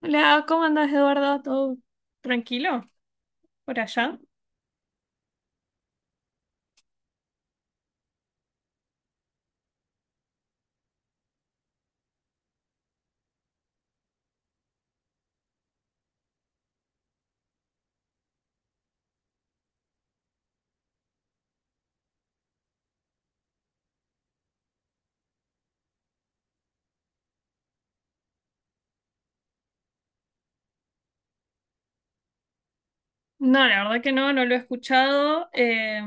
Hola, ¿cómo andas, Eduardo? ¿Todo tranquilo por allá? No, la verdad que no, no lo he escuchado.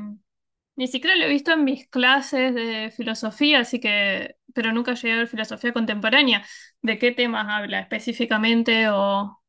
Ni siquiera lo he visto en mis clases de filosofía, así que, pero nunca llegué a ver filosofía contemporánea. ¿De qué temas habla específicamente? O.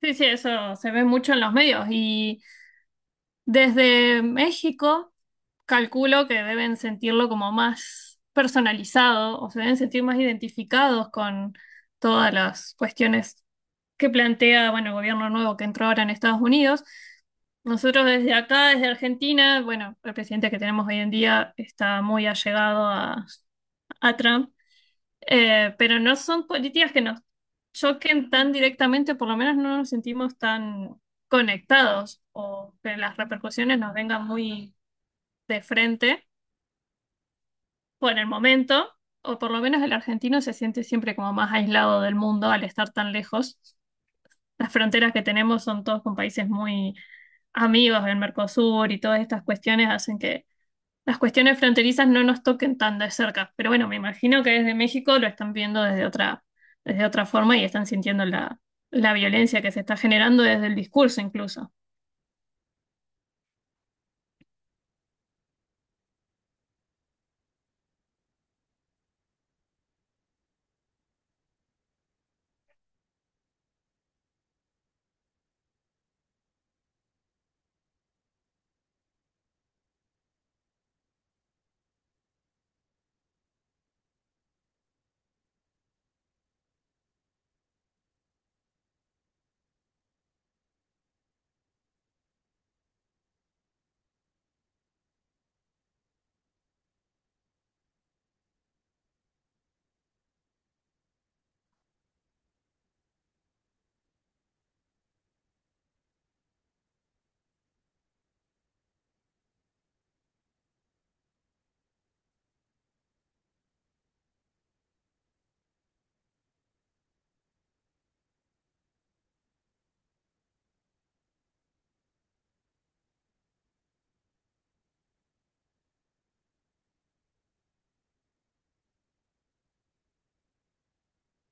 Sí, sí, eso se ve mucho en los medios, y desde México calculo que deben sentirlo como más personalizado, o se deben sentir más identificados con todas las cuestiones, que plantea, bueno, el gobierno nuevo que entró ahora en Estados Unidos. Nosotros desde acá, desde Argentina, bueno, el presidente que tenemos hoy en día está muy allegado a, Trump, pero no son políticas que nos choquen tan directamente, por lo menos no nos sentimos tan conectados o que las repercusiones nos vengan muy de frente por el momento, o por lo menos el argentino se siente siempre como más aislado del mundo al estar tan lejos. Las fronteras que tenemos son todos con países muy amigos del Mercosur, y todas estas cuestiones hacen que las cuestiones fronterizas no nos toquen tan de cerca. Pero bueno, me imagino que desde México lo están viendo desde otra forma, y están sintiendo la violencia que se está generando desde el discurso incluso.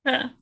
Ah,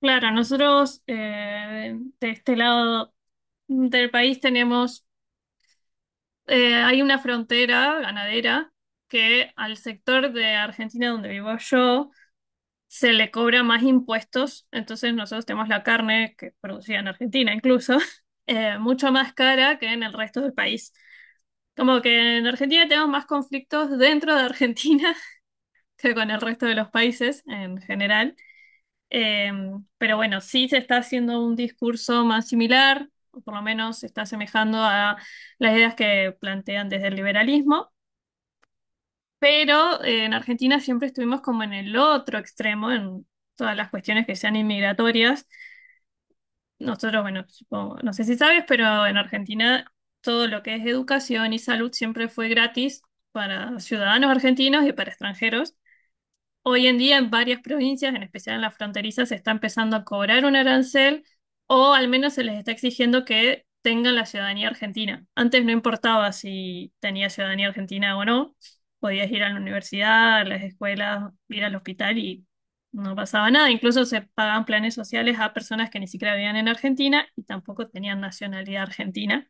claro, nosotros de este lado del país tenemos, hay una frontera ganadera, que al sector de Argentina donde vivo yo se le cobra más impuestos, entonces nosotros tenemos la carne que producida en Argentina incluso, mucho más cara que en el resto del país. Como que en Argentina tenemos más conflictos dentro de Argentina que con el resto de los países en general. Eh, pero bueno, sí se está haciendo un discurso más similar, o por lo menos se está asemejando a las ideas que plantean desde el liberalismo. Pero en Argentina siempre estuvimos como en el otro extremo, en todas las cuestiones que sean inmigratorias. Nosotros, bueno, no sé si sabes, pero en Argentina todo lo que es educación y salud siempre fue gratis para ciudadanos argentinos y para extranjeros. Hoy en día en varias provincias, en especial en las fronterizas, se está empezando a cobrar un arancel, o al menos se les está exigiendo que tengan la ciudadanía argentina. Antes no importaba si tenías ciudadanía argentina o no, podías ir a la universidad, a las escuelas, ir al hospital y no pasaba nada. Incluso se pagaban planes sociales a personas que ni siquiera vivían en Argentina y tampoco tenían nacionalidad argentina.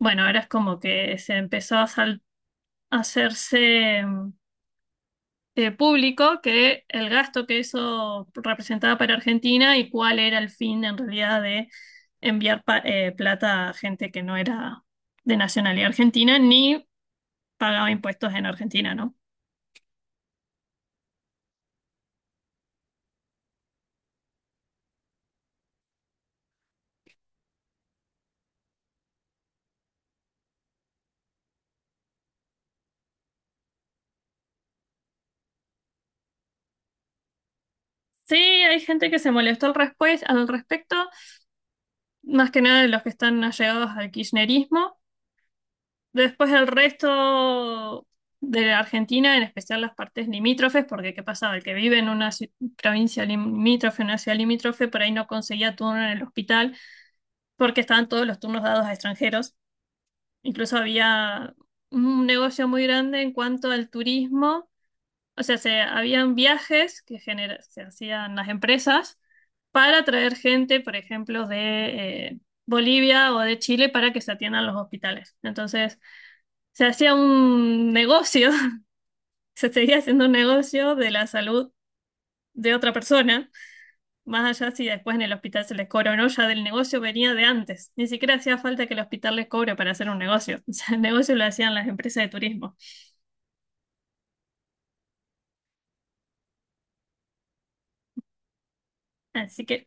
Bueno, ahora es como que se empezó a a hacerse público que el gasto que eso representaba para Argentina, y cuál era el fin en realidad de enviar plata a gente que no era de nacionalidad argentina ni pagaba impuestos en Argentina, ¿no? Sí, hay gente que se molestó al respecto, más que nada de los que están allegados al kirchnerismo. Después el resto de Argentina, en especial las partes limítrofes, porque ¿qué pasaba? El que vive en una provincia limítrofe, una ciudad limítrofe, por ahí no conseguía turno en el hospital porque estaban todos los turnos dados a extranjeros. Incluso había un negocio muy grande en cuanto al turismo. O sea, habían viajes que se hacían las empresas para traer gente, por ejemplo, de Bolivia o de Chile, para que se atiendan los hospitales. Entonces se hacía un negocio, se seguía haciendo un negocio de la salud de otra persona, más allá si después en el hospital se les cobra o no. Ya del negocio venía de antes, ni siquiera hacía falta que el hospital les cobre para hacer un negocio. O sea, el negocio lo hacían las empresas de turismo. Así que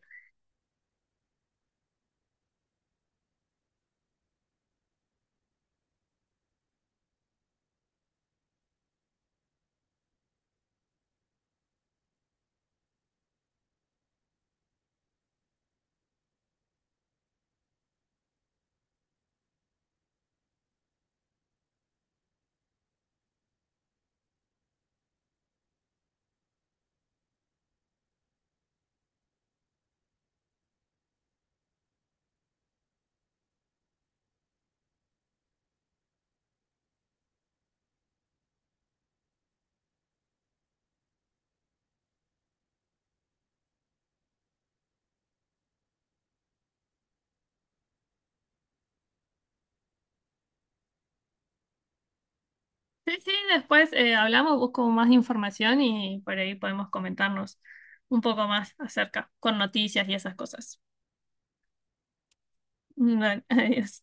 sí, sí, después hablamos, busco más información y por ahí podemos comentarnos un poco más acerca, con noticias y esas cosas. Bueno, adiós.